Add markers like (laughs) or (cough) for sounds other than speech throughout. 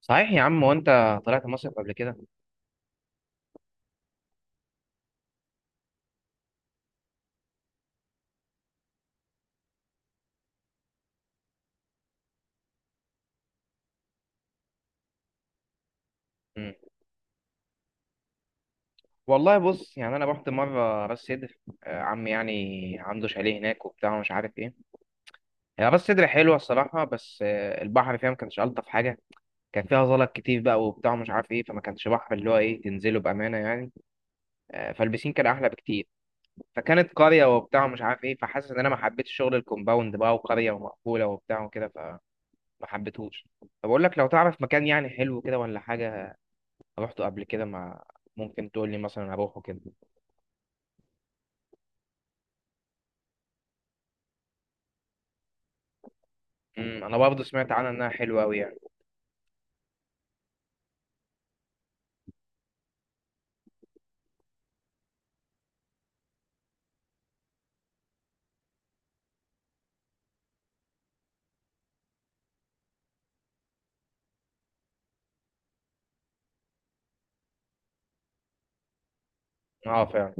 صحيح يا عم، وانت طلعت مصيف قبل كده؟ مم. والله بص يعني انا رحت مره راس سدر. عمي يعني عنده شاليه هناك وبتاع ومش عارف ايه. هي راس سدر حلوه الصراحه، بس البحر فيها ما كانش الطف حاجه. كان فيها زلط كتير بقى وبتاع ومش عارف ايه، فما كانش بحر اللي هو ايه تنزله بامانه يعني. فالبسين كان احلى بكتير. فكانت قريه وبتاع ومش عارف ايه، فحاسس ان انا ما حبيتش شغل الكومباوند بقى وقريه ومقفوله وبتاع وكده، فما حبيتهوش. فبقول لك لو تعرف مكان يعني حلو كده ولا حاجه روحته قبل كده مع ممكن تقول لي مثلا هروحه كده. امم، انا برضه سمعت عنها انها حلوه قوي يعني. اه فعلا.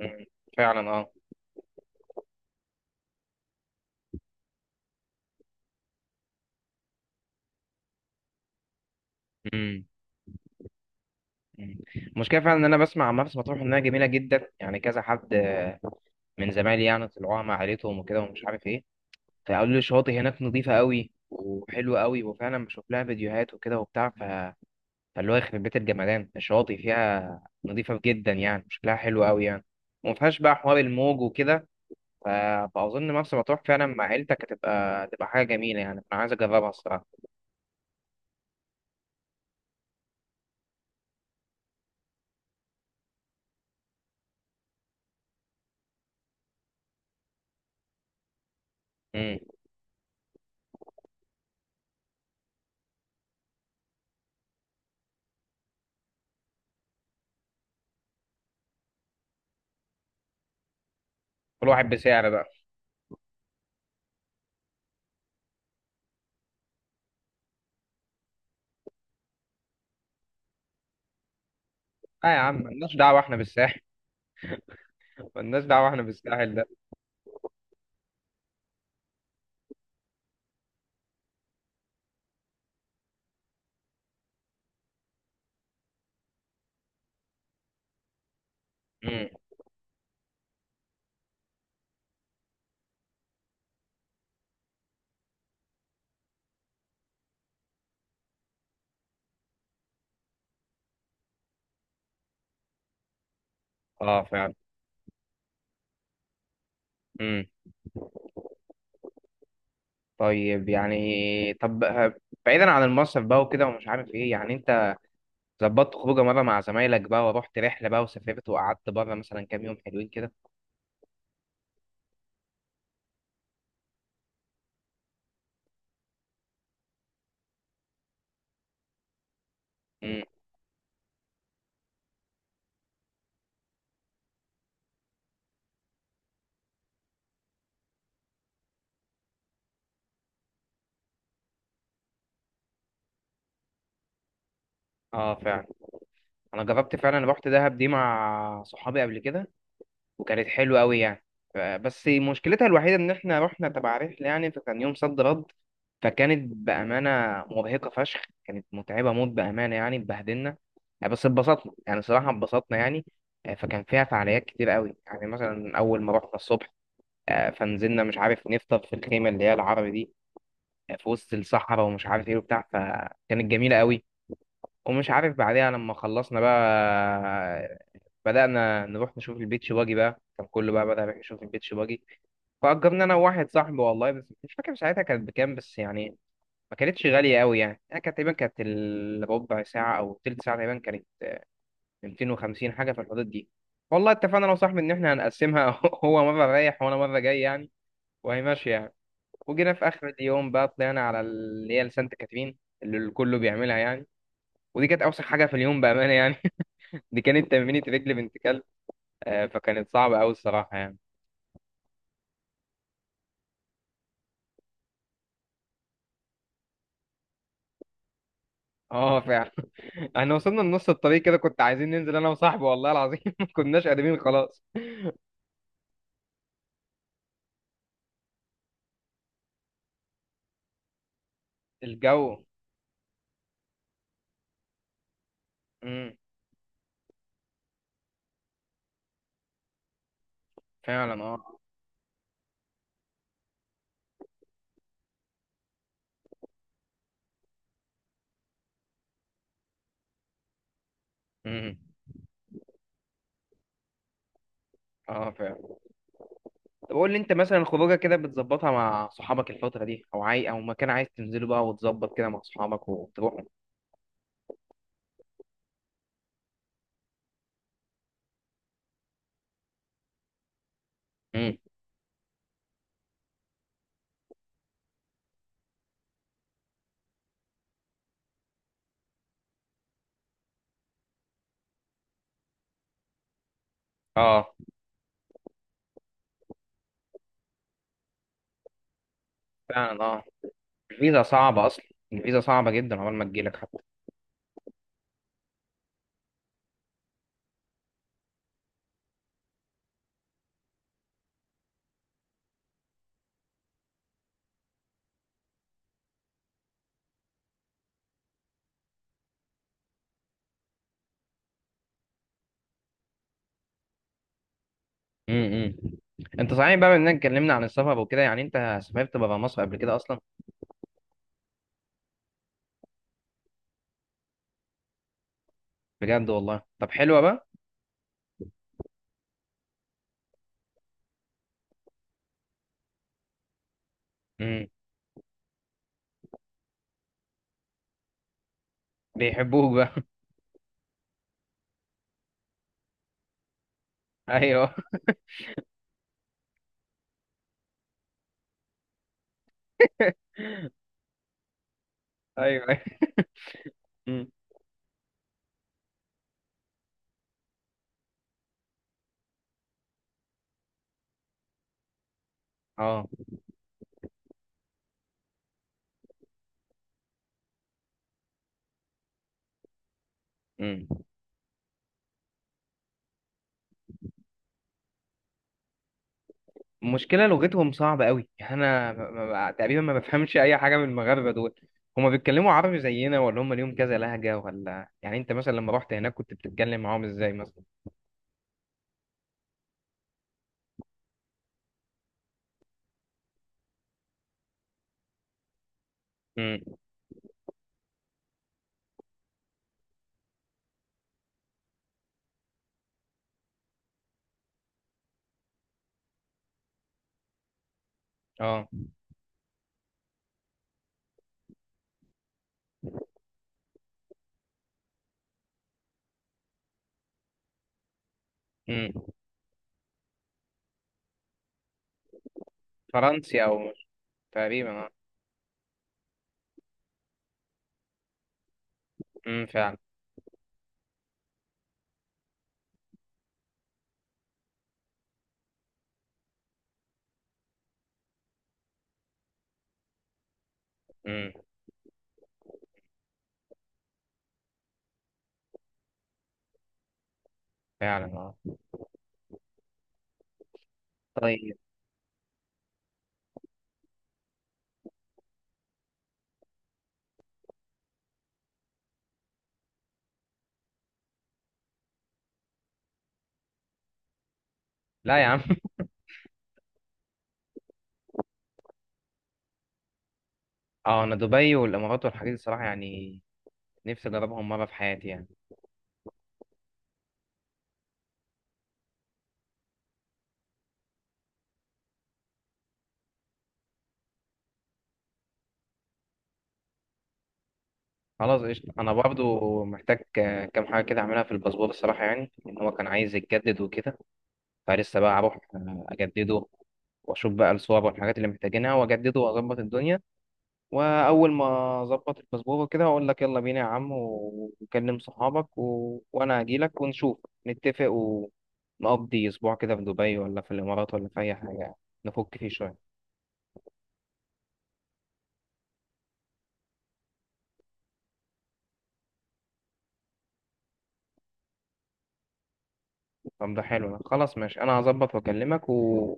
امم فعلا اه. امم. أمم. المشكله فعلا ان انا بسمع عن مرسى مطروح انها جميله جدا يعني. كذا حد من زمايلي يعني طلعوها مع عيلتهم وكده ومش عارف ايه، فقالوا لي الشواطئ هناك نظيفه قوي وحلوه قوي، وفعلا بشوف لها فيديوهات وكده وبتاع. فاللي هو يخرب بيت الجمدان الشواطئ فيها نظيفه جدا يعني، شكلها حلو قوي يعني. وما فيهاش بقى حوار الموج وكده. ف- فأظن مرسى مطروح فعلا مع عيلتك هتبقى حاجة جميلة يعني. أنا عايز أجربها الصراحة. مم. كل واحد بسعر بقى. آه يا عم، مالناش دعوة إحنا بالساحل. (laughs) مالناش دعوة إحنا بالساحل ده. مم. آه فعلا. مم. طيب يعني. بعيدا عن المصيف بقى وكده ومش عارف إيه، يعني أنت ظبطت خروجة مرة مع زمايلك بقى ورحت رحلة بقى وسافرت وقعدت بره مثلا كام يوم حلوين كده؟ مم. آه فعلا. أنا جربت فعلا، رحت دهب دي مع صحابي قبل كده وكانت حلوة أوي يعني. بس مشكلتها الوحيدة إن إحنا رحنا تبع رحلة يعني، فكان يوم صد رد. فكانت بأمانة مرهقة فشخ، كانت متعبة موت بأمانة يعني، اتبهدلنا يعني. بس اتبسطنا يعني، صراحة اتبسطنا يعني. فكان فيها فعاليات كتير أوي يعني. مثلا أول ما رحنا الصبح، فنزلنا مش عارف نفطر في الخيمة اللي هي العربي دي، في وسط الصحراء ومش عارف إيه وبتاع، فكانت جميلة أوي. ومش عارف بعدها لما خلصنا بقى، بدأنا نروح نشوف البيتش باجي بقى. كان كله بقى بدأ يشوف البيتش باجي، فأجرنا أنا وواحد صاحبي. والله بس مش فاكر ساعتها كانت بكام بس يعني، ما كانتش غالية قوي يعني. أنا كانت تقريبا كانت الربع ساعة أو تلت ساعة تقريبا، كانت 250 حاجة في الحدود دي. والله اتفقنا أنا وصاحبي إن إحنا هنقسمها، (laughs) هو مرة رايح وأنا مرة جاي يعني، وهي ماشية يعني. وجينا في آخر اليوم بقى طلعنا على اللي هي لسانت كاترين، اللي الكل بيعملها يعني. ودي كانت أوسخ حاجة في اليوم بأمانة يعني، دي كانت تمرينة رجل بنت كلب. فكانت صعبة أوي الصراحة يعني. اه فعلا. (laughs) احنا وصلنا لنص الطريق كده، كنت عايزين ننزل انا وصاحبي والله العظيم. (laughs) ما كناش قادرين خلاص. الجو. امم فعلا اه. امم. اه فعلا. طب قول لي انت مثلا خروجه كده بتظبطها مع صحابك الفترة دي، او عاي او مكان عايز تنزله بقى وتظبط كده مع صحابك وتروحوا؟ امم. اه فعلا. اه، الفيزا صعبة اصلا. الفيزا صعبة جدا عقبال ما تجيلك. امم. امم. انت صحيح بقى، بما اننا اتكلمنا عن السفر وكده يعني انت سافرت بره مصر قبل كده اصلا؟ بجد والله؟ طب حلوه بقى. امم. بيحبوك بقى. (laughs) ايوه. (laughs) ايوه، ايوه. امم. اه. امم. المشكله لغتهم صعبه قوي يعني، انا تقريبا ما بفهمش اي حاجه من المغاربه دول. هما بيتكلموا عربي زينا، ولا هما ليهم كذا لهجه، ولا يعني انت مثلا لما رحت هناك كنت بتتكلم معاهم ازاي مثلا؟ امم. اه. امم. فرنسي او تقريبا اه. فعلا. امم فعلا اه. طيب. لا يا عم. (laughs) اه، انا دبي والامارات والحاجات دي الصراحه يعني نفسي اجربهم مره في حياتي يعني. خلاص قشطه، انا برضو محتاج كام حاجه كده اعملها في الباسبور الصراحه يعني، ان هو كان عايز يتجدد وكده. فلسه بقى اروح اجدده واشوف بقى الصور والحاجات اللي محتاجينها واجدده واظبط الدنيا. واول ما اظبط الباسبور وكده هقول لك يلا بينا يا عم، وكلم صحابك وانا هجي لك ونشوف نتفق ونقضي اسبوع كده في دبي ولا في الامارات ولا في اي حاجه يعني، نفك فيه شويه. طب ده حلو ده، خلاص ماشي، انا هظبط واكلمك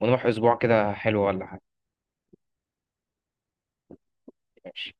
ونروح اسبوع كده حلو ولا حاجه. ماشي.